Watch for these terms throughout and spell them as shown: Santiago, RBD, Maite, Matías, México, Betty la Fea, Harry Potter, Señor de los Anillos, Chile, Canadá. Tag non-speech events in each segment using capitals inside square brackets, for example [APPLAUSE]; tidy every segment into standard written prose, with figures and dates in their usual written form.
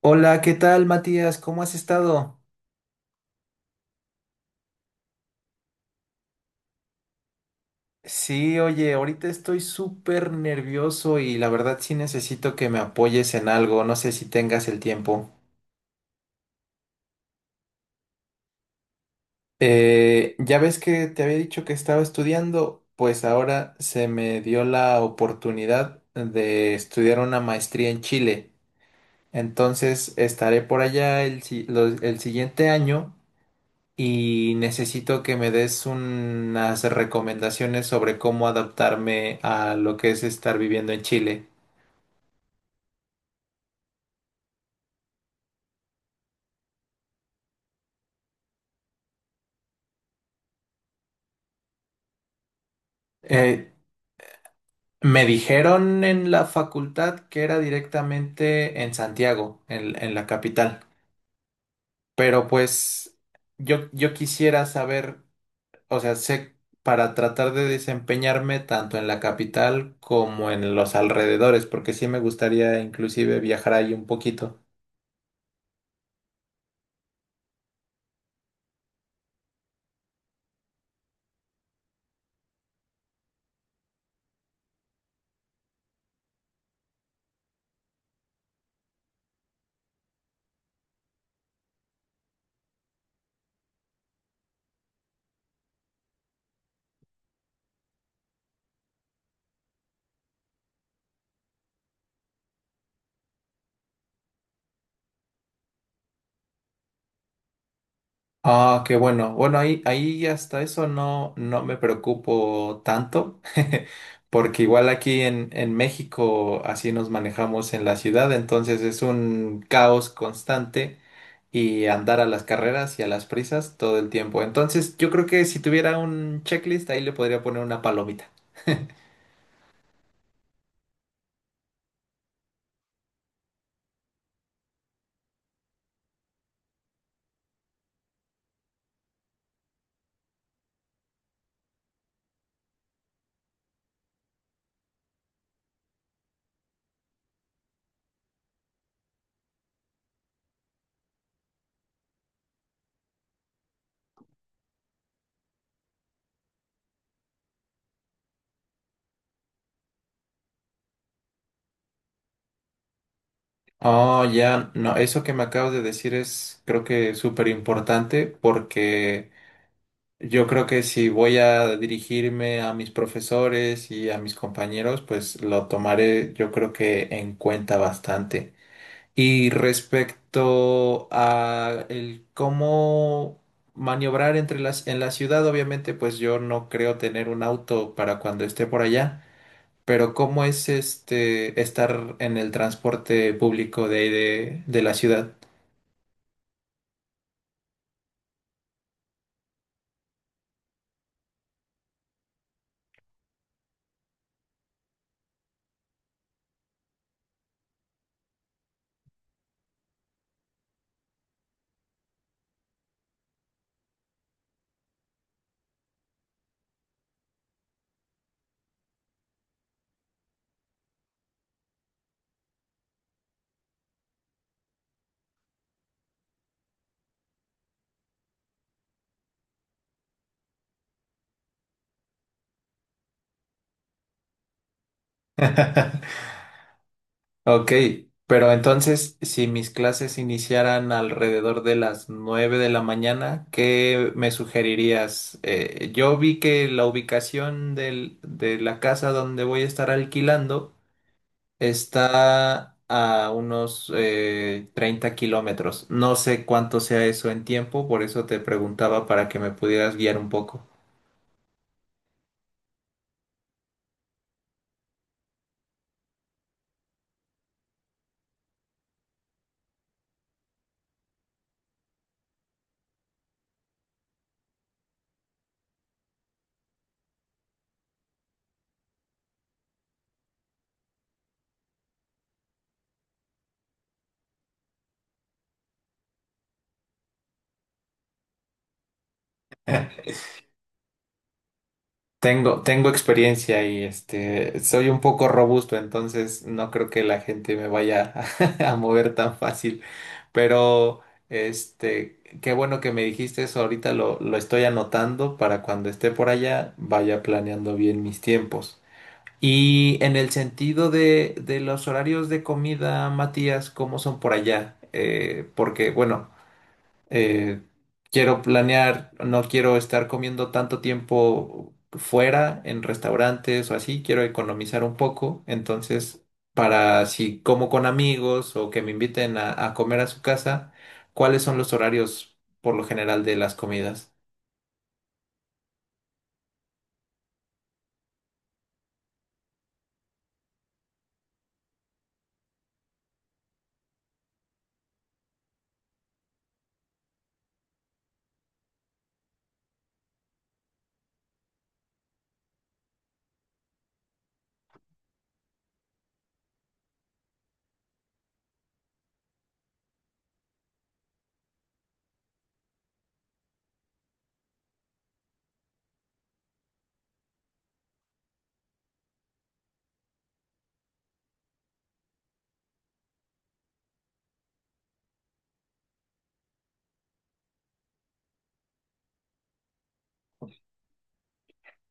Hola, ¿qué tal, Matías? ¿Cómo has estado? Sí, oye, ahorita estoy súper nervioso y la verdad sí necesito que me apoyes en algo, no sé si tengas el tiempo. Ya ves que te había dicho que estaba estudiando, pues ahora se me dio la oportunidad de estudiar una maestría en Chile. Entonces estaré por allá el, si- los- el siguiente año y necesito que me des unas recomendaciones sobre cómo adaptarme a lo que es estar viviendo en Chile. Eh, Me dijeron en la facultad que era directamente en Santiago, en la capital, pero pues yo quisiera saber, o sea, sé, para tratar de desempeñarme tanto en la capital como en los alrededores, porque sí me gustaría inclusive viajar ahí un poquito. Ah, qué bueno. Bueno, ahí hasta eso no, no me preocupo tanto, [LAUGHS] porque igual aquí en México así nos manejamos en la ciudad, entonces es un caos constante y andar a las carreras y a las prisas todo el tiempo. Entonces yo creo que si tuviera un checklist ahí le podría poner una palomita. Oh, ya, no, eso que me acabas de decir es, creo que, súper importante porque... Yo creo que si voy a dirigirme a mis profesores y a mis compañeros, pues lo tomaré, yo creo, que en cuenta bastante. Y respecto a el cómo maniobrar entre las en la ciudad, obviamente, pues yo no creo tener un auto para cuando esté por allá, pero ¿cómo es este estar en el transporte público de ahí de la ciudad? [LAUGHS] Ok, pero entonces, si mis clases iniciaran alrededor de las 9 de la mañana, ¿qué me sugerirías? Yo vi que la ubicación de la casa donde voy a estar alquilando está a unos 30 kilómetros. No sé cuánto sea eso en tiempo, por eso te preguntaba para que me pudieras guiar un poco. Tengo experiencia y este, soy un poco robusto, entonces no creo que la gente me vaya [LAUGHS] a mover tan fácil. Pero este, qué bueno que me dijiste eso, ahorita lo estoy anotando para cuando esté por allá vaya planeando bien mis tiempos. Y en el sentido de los horarios de comida, Matías, ¿cómo son por allá? Porque, bueno, eh, quiero planear, no quiero estar comiendo tanto tiempo fuera en restaurantes o así, quiero economizar un poco, entonces para si como con amigos o que me inviten a comer a su casa, ¿cuáles son los horarios por lo general de las comidas?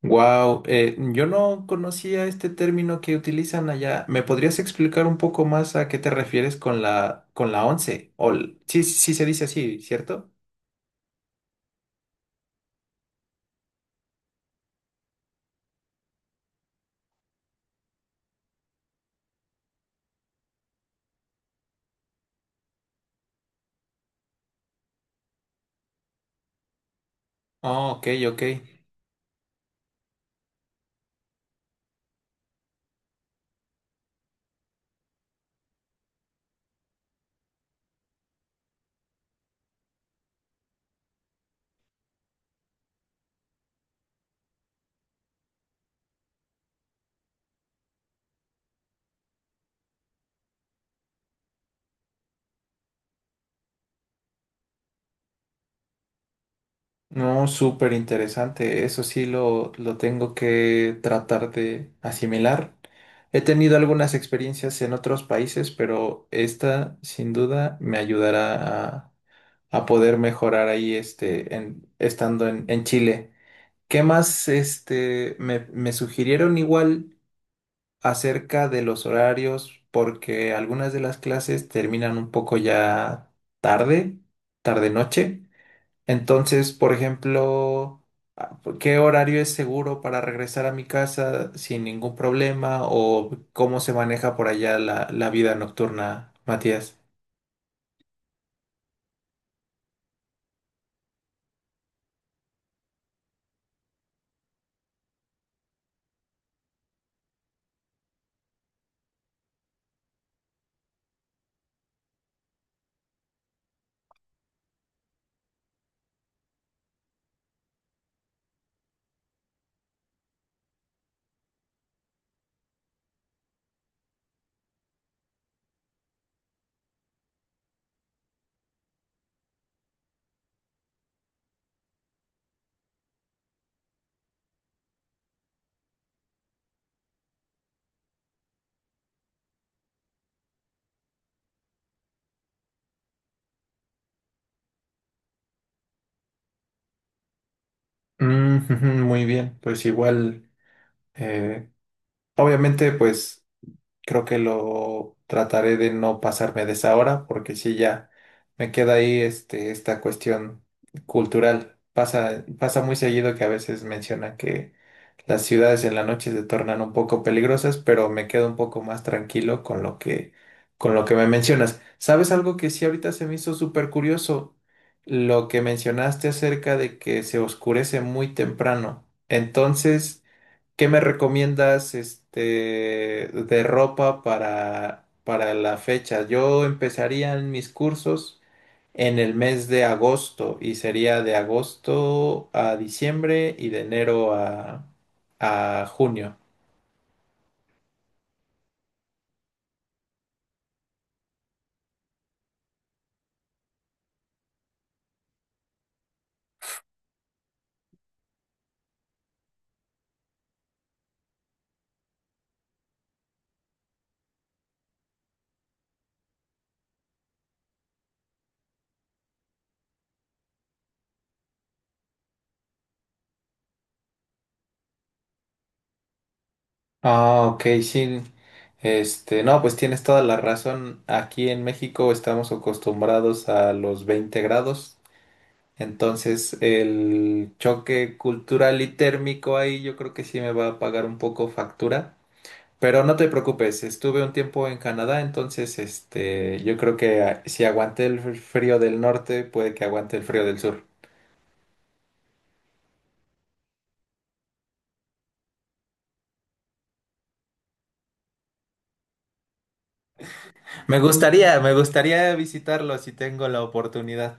Wow, yo no conocía este término que utilizan allá. ¿Me podrías explicar un poco más a qué te refieres con la, con la once? O l- sí, sí se dice así, ¿cierto? Oh, ok, ok. No, súper interesante. Eso sí lo tengo que tratar de asimilar. He tenido algunas experiencias en otros países, pero esta sin duda me ayudará a poder mejorar ahí este, estando en Chile. ¿Qué más este, me sugirieron igual acerca de los horarios? Porque algunas de las clases terminan un poco ya tarde, tarde-noche. Entonces, por ejemplo, ah, ¿qué horario es seguro para regresar a mi casa sin ningún problema? ¿O cómo se maneja por allá la vida nocturna, Matías? Mm, [LAUGHS] muy bien, pues igual, eh, obviamente, pues. Creo que lo trataré de no pasarme de esa hora, porque si ya me queda ahí este, esta cuestión cultural. Pasa muy seguido que a veces mencionan que las ciudades en la noche se tornan un poco peligrosas, pero me quedo un poco más tranquilo con lo que me mencionas. ¿Sabes algo que sí ahorita se me hizo súper curioso? Lo que mencionaste acerca de que se oscurece muy temprano. Entonces... ¿Qué me recomiendas este de ropa para la fecha? Yo empezaría en mis cursos en el mes de agosto y sería de agosto a diciembre y de enero a junio. Ah, ok, sí. Este, no, pues tienes toda la razón. Aquí en México estamos acostumbrados a los 20 grados. Entonces, el choque cultural y térmico ahí yo creo que sí me va a pagar un poco factura. Pero no te preocupes, estuve un tiempo en Canadá, entonces este, yo creo que ah, si aguanté el frío del norte, puede que aguante el frío del sur. Me gustaría visitarlo si tengo la oportunidad.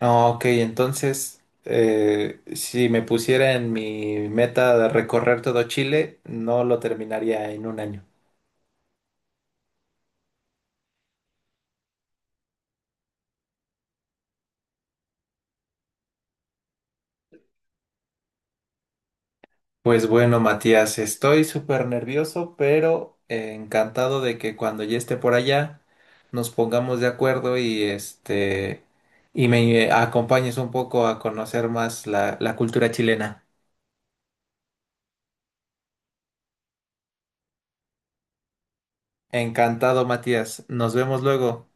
Ah, ok, entonces, si me pusiera en mi meta de recorrer todo Chile, no lo terminaría en un año. Pues bueno, Matías, estoy súper nervioso, pero encantado de que cuando ya esté por allá nos pongamos de acuerdo y este y me acompañes un poco a conocer más la cultura chilena. Encantado, Matías. Nos vemos luego.